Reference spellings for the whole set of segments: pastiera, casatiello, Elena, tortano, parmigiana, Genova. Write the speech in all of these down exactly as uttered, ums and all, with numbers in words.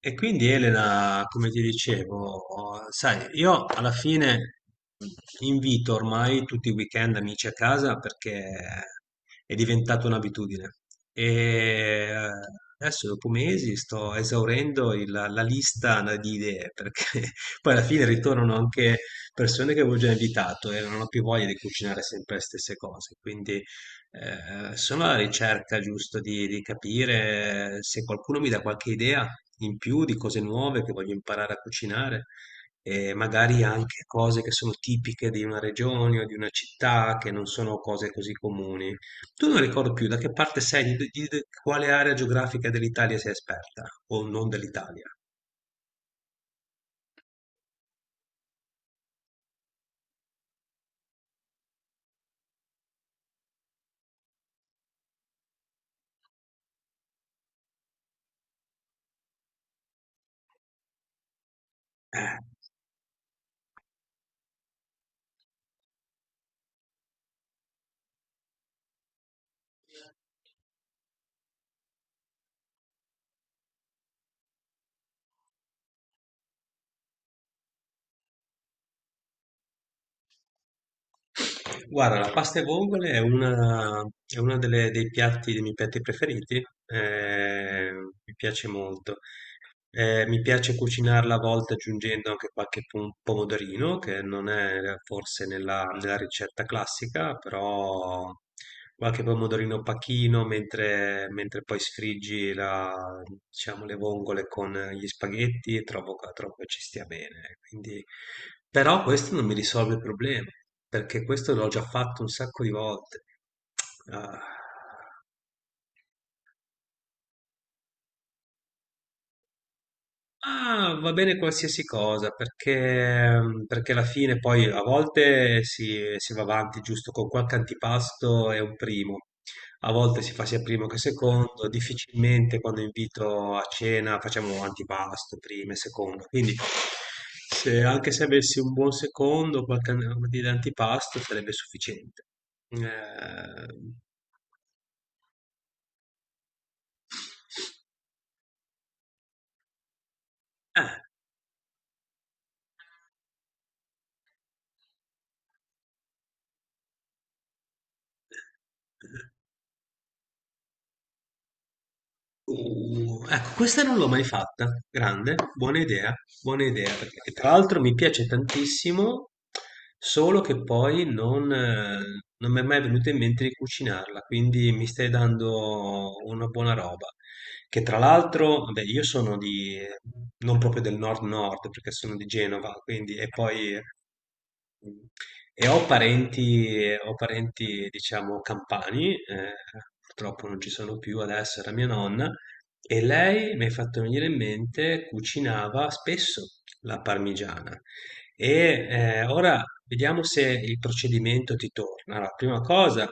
E quindi Elena, come ti dicevo, sai, io alla fine invito ormai tutti i weekend amici a casa perché è diventata un'abitudine. E eh, Adesso, dopo mesi, sto esaurendo il- la lista di idee perché poi alla fine ritornano anche persone che avevo già invitato e non ho più voglia di cucinare sempre le stesse cose. Quindi eh, sono alla ricerca giusto di, di capire se qualcuno mi dà qualche idea in più di cose nuove che voglio imparare a cucinare e magari anche cose che sono tipiche di una regione o di una città che non sono cose così comuni. Tu non ricordo più da che parte sei, di, di- di quale area geografica dell'Italia sei esperta o non dell'Italia. Eh, Guarda, la pasta e vongole è una, è una delle- dei piatti, dei miei piatti preferiti, eh, mi piace molto. Eh, mi piace cucinarla a volte aggiungendo anche qualche pom- pomodorino, che non è forse nella, nella ricetta classica, però qualche pomodorino pacchino mentre, mentre poi sfriggi la, diciamo, le vongole con gli spaghetti e trovo, che- trovo che ci stia bene. Quindi, però questo non mi risolve il problema, perché questo l'ho già fatto un sacco di volte. Ah. Ah, va bene qualsiasi cosa, perché, perché alla fine poi a volte si, si va avanti giusto con qualche antipasto e un primo, a volte si fa sia primo che secondo, difficilmente quando invito a cena facciamo antipasto, primo e secondo, quindi se- anche se avessi un buon secondo, qualche an- di antipasto sarebbe sufficiente. Eh, eh, Uh, ecco, questa non l'ho mai fatta. Grande, buona idea, buona idea, perché tra l'altro mi piace tantissimo, solo che poi non, eh, non mi è mai venuto in mente di cucinarla, quindi mi stai dando una buona roba. Che tra l'altro, vabbè, io sono di, non proprio del nord-nord, perché sono di Genova, quindi, e poi, eh, e ho parenti, ho parenti, diciamo, campani, eh, purtroppo non ci sono più adesso, era mia nonna, e lei m'hai fatto venire in mente, cucinava spesso la parmigiana. E eh, ora vediamo se il procedimento ti torna. Allora, prima cosa,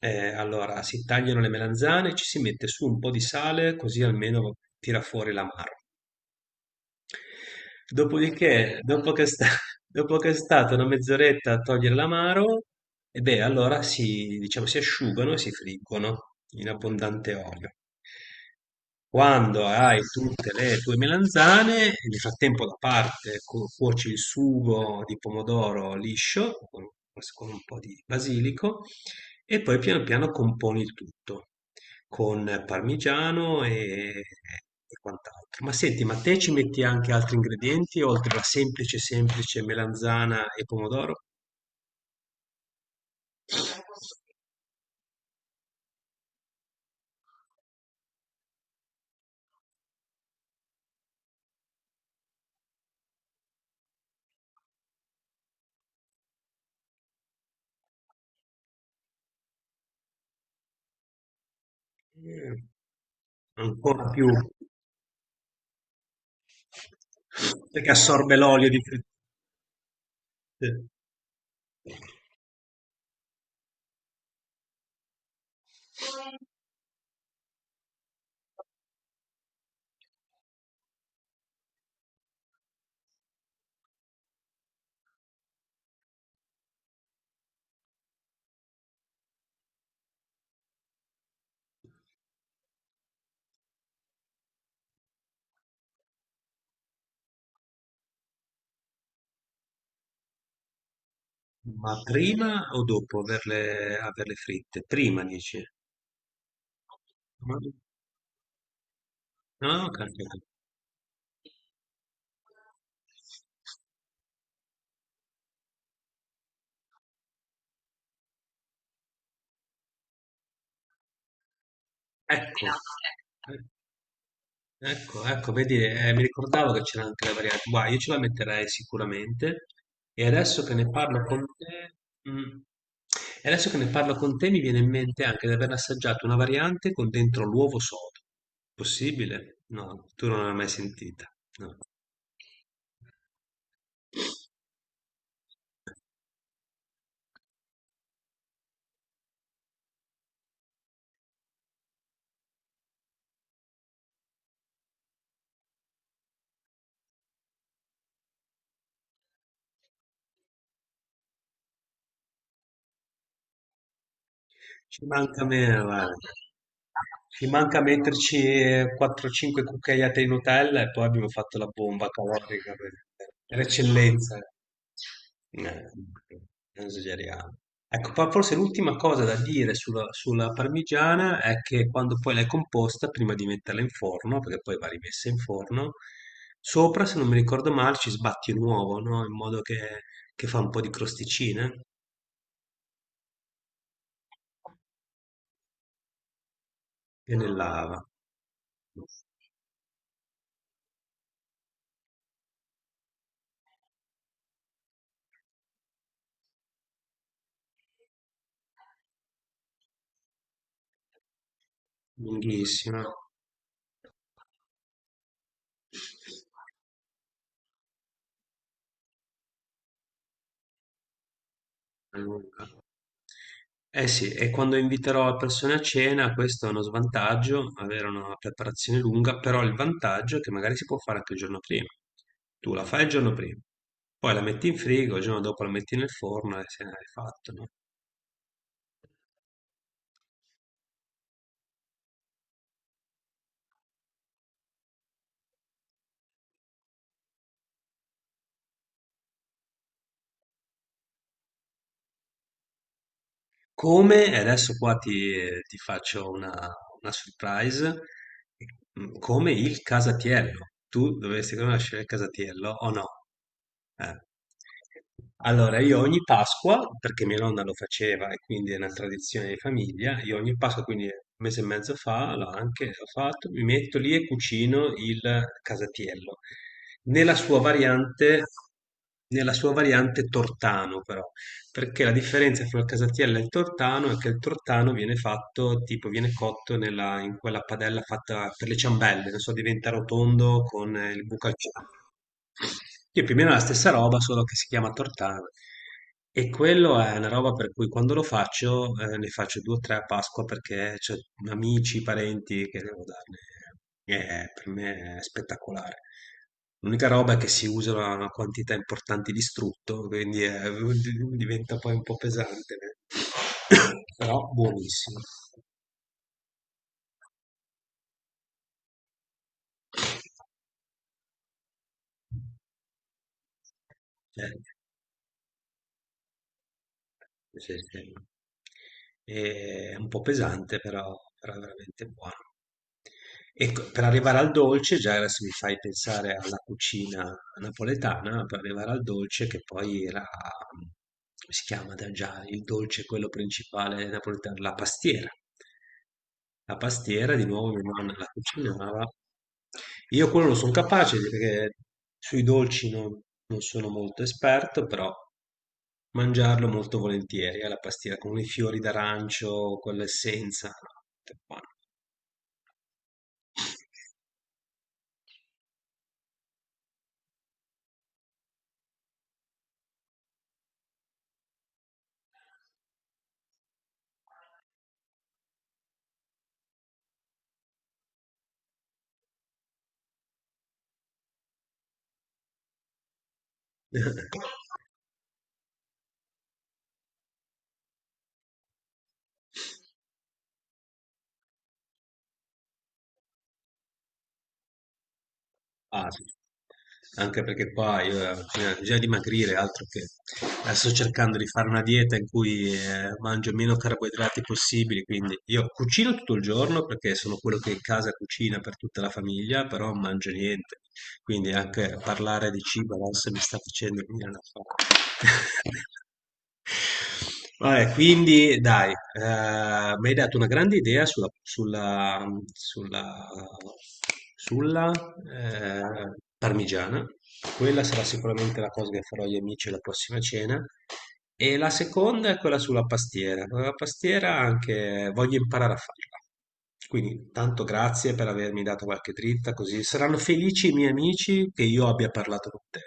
eh, allora, si tagliano le melanzane, ci si mette su un po' di sale, così almeno tira fuori l'amaro. Dopodiché, dopo che, sta- dopo che è stata una mezz'oretta a togliere l'amaro, e beh, allora si, diciamo, si asciugano e si friggono in abbondante olio. Quando hai tutte le tue melanzane, nel frattempo da parte cu- cuoci il sugo di pomodoro liscio con, con un po' di basilico e poi piano piano componi il tutto con parmigiano e, e quant'altro. Ma senti, ma te ci metti anche altri ingredienti oltre alla semplice, semplice melanzana e pomodoro? Mm, ancora più perché assorbe l'olio di fritte. Ma prima o dopo averle, averle fritte? Prima dici? Ah, ok, ok. Ecco, ecco, ecco, vedi, eh, mi ricordavo che c'era anche la variante. Guarda, io ce la metterei sicuramente. E adesso che ne parlo con te, mm, e adesso che ne parlo con te, mi viene in mente anche di aver assaggiato una variante con dentro l'uovo sodo. Possibile? No, tu non l'hai mai sentita. No. Ci manca meno, guarda. Ci manca metterci eh, quattro o cinque cucchiaiate di Nutella e poi abbiamo fatto la bomba calorica per, per eccellenza. Eh, non esageriamo. Ecco, poi forse l'ultima cosa da dire sulla, sulla parmigiana è che quando poi l'hai composta, prima di metterla in forno, perché poi va rimessa in forno, sopra, se non mi ricordo male, ci sbatti un uovo, no? In modo che, che fa un po' di crosticina e ne lava. Lunghissima. È lunga. Eh sì, e quando inviterò persone a cena, questo è uno svantaggio, avere una preparazione lunga, però il vantaggio è che magari si può fare anche il giorno prima. Tu la fai il giorno prima, poi la metti in frigo, il giorno dopo la metti nel forno e se ne hai fatto, no? Come e adesso qua ti ti faccio una una surprise, mhmm, come il casatiello. Tu dovresti conoscere il casatiello o no? Eh. Allora io ogni Pasqua, perché mia nonna lo faceva e quindi è una tradizione di famiglia, io ogni Pasqua, quindi un mese e mezzo fa, l'ho anche ho fatto, mi metto lì e cucino il casatiello. Nella sua variante Nella sua variante tortano però perché la differenza fra il casatiello e il tortano è che il tortano viene fatto, tipo viene cotto nella- in quella padella fatta per le ciambelle, non so, diventa rotondo con eh, il buco al sì, più o meno è la stessa roba, solo che si chiama tortana. E quello è una roba per cui quando lo faccio, eh, ne faccio due o tre a Pasqua perché c'ho amici, parenti che devo darne. E per me è spettacolare. L'unica roba è che si usa una una quantità importante di strutto, quindi è- diventa poi un po' pesante. Però buonissimo. Cioè, sì, sì. E è un po' pesante, però, però è veramente buono. Ecco, per arrivare al dolce, già adesso mi fai pensare alla cucina napoletana, per arrivare al dolce che poi era, come si chiama da già, il dolce quello principale napoletano, la pastiera. La pastiera, di nuovo mia nonna la cucinava, io quello lo sono capace perché sui dolci non, non sono molto esperto, però mangiarlo molto volentieri, alla pastiera con i fiori d'arancio, con l'essenza, no, tutto buono. Ah, sì. Anche perché qua io eh, bisogna bisogna dimagrire, altro che eh, sto cercando di fare una dieta in cui eh, mangio meno carboidrati possibili, quindi io cucino tutto il giorno perché sono quello che in casa cucina per tutta la famiglia, però non mangio niente, quindi anche parlare di cibo adesso mi sta facendo venire una fame. Vabbè, quindi dai, eh, mi hai dato una grande idea sulla, sulla, sulla, sulla, eh, parmigiana. Quella sarà sicuramente la cosa che farò agli amici alla prossima cena. E la seconda è quella sulla pastiera. La pastiera anche voglio imparare a farla. Quindi tanto grazie per avermi dato qualche dritta, così saranno felici i miei amici che io abbia parlato con te.